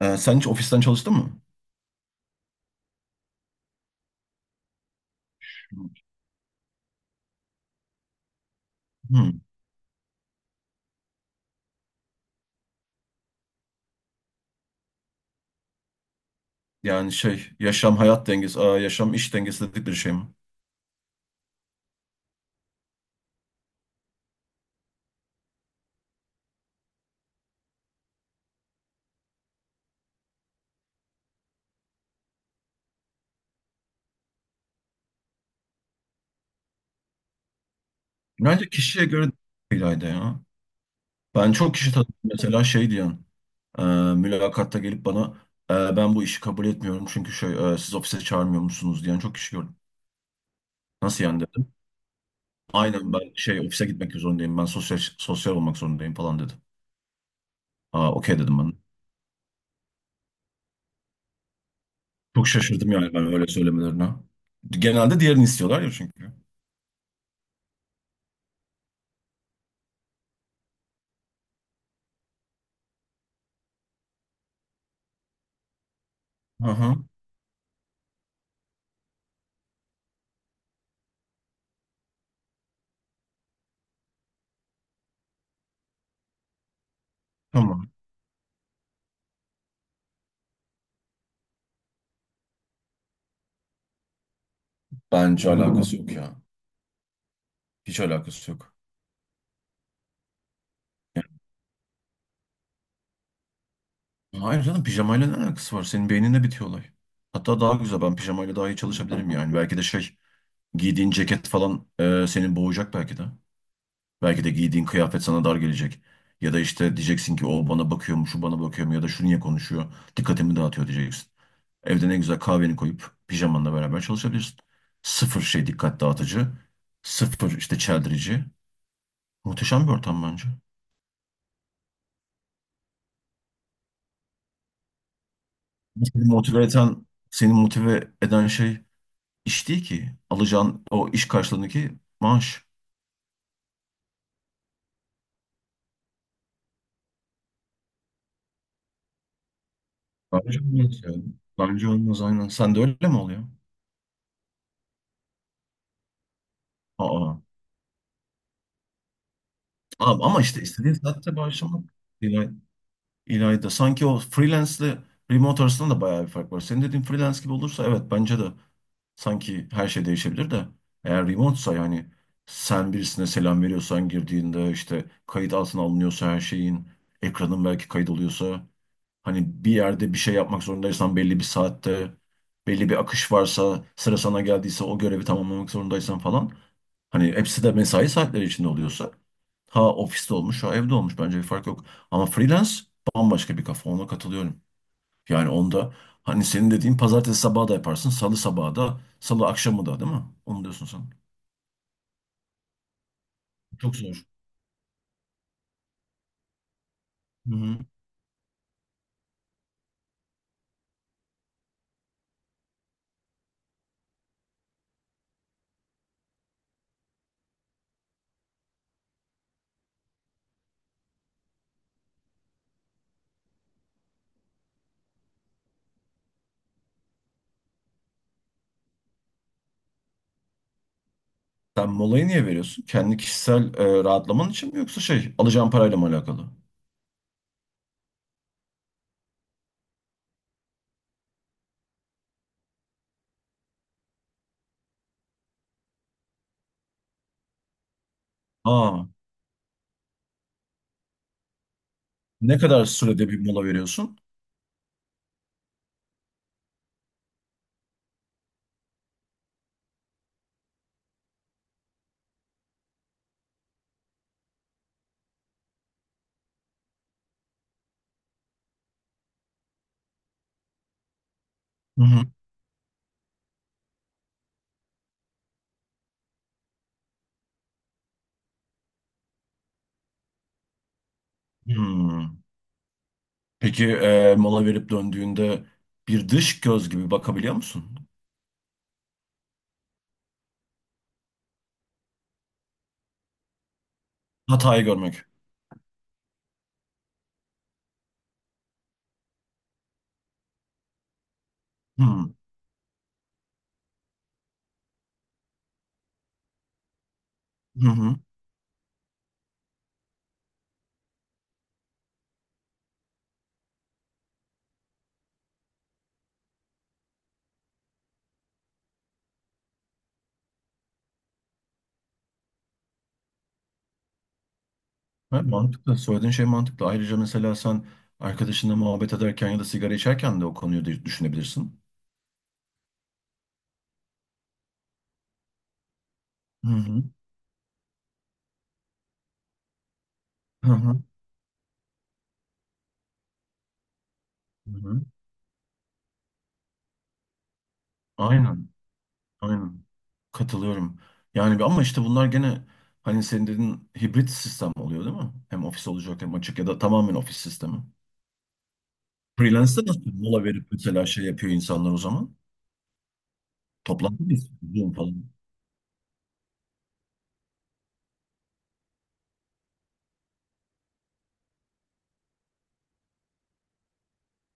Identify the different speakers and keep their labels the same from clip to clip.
Speaker 1: Sen hiç ofisten çalıştın mı? Hmm. Yani şey, yaşam iş dengesi dedikleri şey mi? Bence kişiye göre değil Ayda ya. Ben çok kişi tanıdım mesela şey diyen, e, mülakatta gelip bana ben bu işi kabul etmiyorum çünkü şey, siz ofise çağırmıyor musunuz diyen çok kişi gördüm. Nasıl yani dedim. Aynen ben şey ofise gitmek zorundayım, ben sosyal sosyal olmak zorundayım falan dedi. Aa, okey dedim ben. Çok şaşırdım yani ben öyle söylemelerine. Genelde diğerini istiyorlar ya çünkü. Aha, tamam. Bence alakası yok ya. Hiç alakası yok. Yani, hayır canım pijamayla ne alakası var? Senin beyninde bitiyor olay. Hatta daha güzel ben pijamayla daha iyi çalışabilirim yani. Belki de şey giydiğin ceket falan senin boğacak belki de. Belki de giydiğin kıyafet sana dar gelecek. Ya da işte diyeceksin ki o bana bakıyor mu, şu bana bakıyor mu ya da şu niye konuşuyor, dikkatimi dağıtıyor diyeceksin. Evde ne güzel kahveni koyup pijamanla beraber çalışabilirsin. Sıfır şey dikkat dağıtıcı, sıfır işte çeldirici. Muhteşem bir ortam bence. Seni motive eden, seni motive eden şey iş değil ki. Alacağın o iş karşılığındaki maaş. Bence olmaz yani. Bence olmaz aynen. Sen de öyle mi oluyor? Aa. Abi, ama işte istediğin saatte başlamak İlay, İlayda. Sanki o freelance ile remote arasında da bayağı bir fark var. Senin dediğin freelance gibi olursa evet bence de sanki her şey değişebilir de eğer remote'sa yani sen birisine selam veriyorsan girdiğinde işte kayıt altına alınıyorsa her şeyin ekranın belki kaydoluyorsa hani bir yerde bir şey yapmak zorundaysan belli bir saatte, belli bir akış varsa, sıra sana geldiyse o görevi tamamlamak zorundaysan falan. Hani hepsi de mesai saatleri içinde oluyorsa. Ha ofiste olmuş, ha evde olmuş bence bir fark yok. Ama freelance bambaşka bir kafa, ona katılıyorum. Yani onda hani senin dediğin pazartesi sabahı da yaparsın, salı sabahı da, salı akşamı da değil mi? Onu diyorsun sen. Çok zor. Hı hı. Sen molayı niye veriyorsun? Kendi kişisel rahatlaman için mi yoksa şey alacağın parayla mı alakalı? Aa. Ne kadar sürede bir mola veriyorsun? Hı hı. Hmm. Peki mola verip döndüğünde bir dış göz gibi bakabiliyor musun? Hatayı görmek. Hmm. Hı hı. Evet, mantıklı. Söylediğin şey mantıklı. Ayrıca mesela sen arkadaşınla muhabbet ederken ya da sigara içerken de o konuyu da düşünebilirsin. Hı hı. Hı hı. Hı hı. Aynen. Aynen. Katılıyorum. Yani bir ama işte bunlar gene hani senin dediğin hibrit sistem oluyor değil mi? Hem ofis olacak hem açık ya da tamamen ofis sistemi. Freelance'de nasıl mola verip mesela şey yapıyor insanlar o zaman? Toplantı mı istiyor? Zoom falan.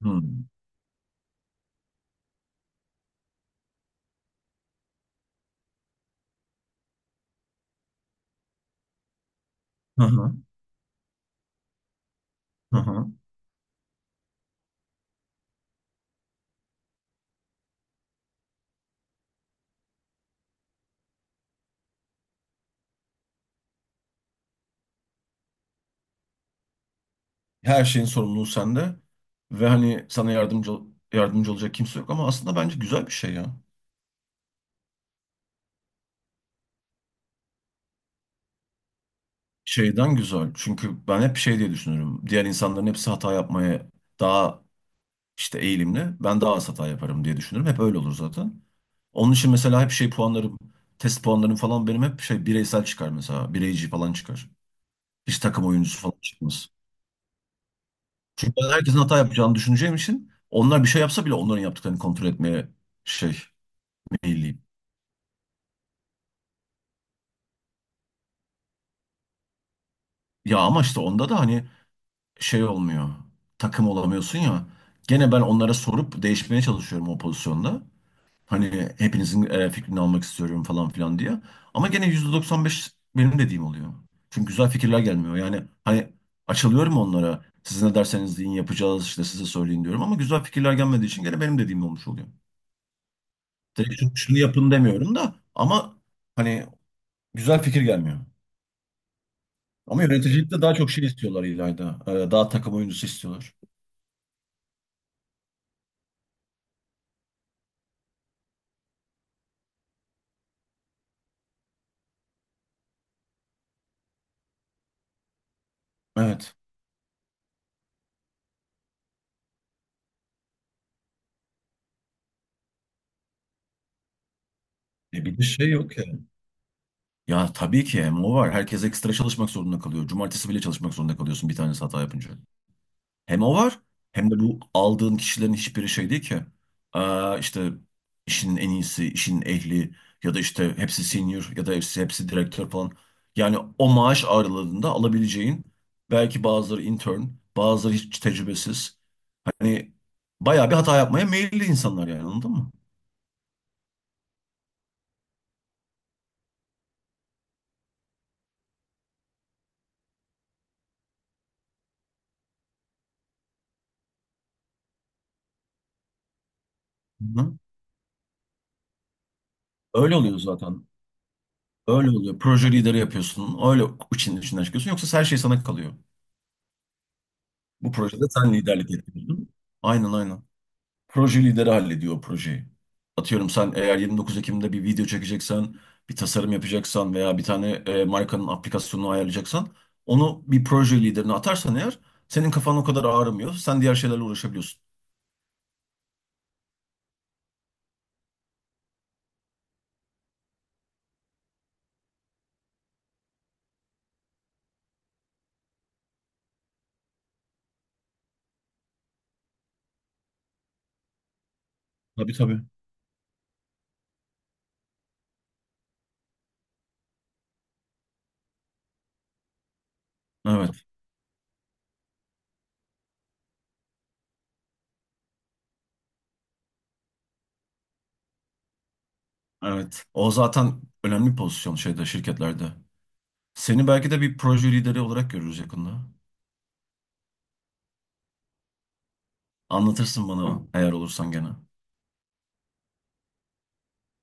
Speaker 1: Hmm. Hı hı. Hı hı. Her şeyin sorumluluğu sende ve hani sana yardımcı olacak kimse yok ama aslında bence güzel bir şey ya. Şeyden güzel. Çünkü ben hep şey diye düşünürüm. Diğer insanların hepsi hata yapmaya daha işte eğilimli. Ben daha az hata yaparım diye düşünürüm. Hep öyle olur zaten. Onun için mesela hep şey puanlarım, test puanlarım falan benim hep şey bireysel çıkar mesela. Bireyci falan çıkar. Hiç takım oyuncusu falan çıkmaz. Çünkü ben herkesin hata yapacağını düşüneceğim için onlar bir şey yapsa bile onların yaptıklarını kontrol etmeye şey meyilliyim. Ya ama işte onda da hani şey olmuyor. Takım olamıyorsun ya. Gene ben onlara sorup değişmeye çalışıyorum o pozisyonda. Hani hepinizin fikrini almak istiyorum falan filan diye. Ama gene %95 benim dediğim oluyor. Çünkü güzel fikirler gelmiyor. Yani hani açılıyorum onlara. Siz ne derseniz deyin yapacağız işte size söyleyin diyorum. Ama güzel fikirler gelmediği için gene benim dediğim olmuş oluyor. Direkt şunu, şunu yapın demiyorum da ama hani güzel fikir gelmiyor. Ama yöneticilikte daha çok şey istiyorlar İlayda. Daha takım oyuncusu istiyorlar. Evet. E bir de şey yok ya. Ya tabii ki hem o var. Herkes ekstra çalışmak zorunda kalıyor. Cumartesi bile çalışmak zorunda kalıyorsun bir tanesi hata yapınca. Hem o var hem de bu aldığın kişilerin hiçbiri şey değil ki. Aa, işte işin en iyisi, işin ehli ya da işte hepsi senior ya da hepsi direktör falan. Yani o maaş aralığında alabileceğin belki bazıları intern, bazıları hiç tecrübesiz. Hani bayağı bir hata yapmaya meyilli insanlar yani anladın mı? Hı. Öyle oluyor zaten. Öyle oluyor. Proje lideri yapıyorsun. Öyle içinden çıkıyorsun. Yoksa her şey sana kalıyor. Bu projede sen liderlik ediyorsun. Aynen, aynen. Proje lideri hallediyor o projeyi. Atıyorum sen eğer 29 Ekim'de bir video çekeceksen, bir tasarım yapacaksan veya bir tane markanın aplikasyonunu ayarlayacaksan onu bir proje liderine atarsan eğer senin kafan o kadar ağrımıyor. Sen diğer şeylerle uğraşabiliyorsun. Tabii, tabii. Evet, evet. O zaten önemli bir pozisyon şeyde şirketlerde. Seni belki de bir proje lideri olarak görürüz yakında. Anlatırsın bana eğer olursan gene.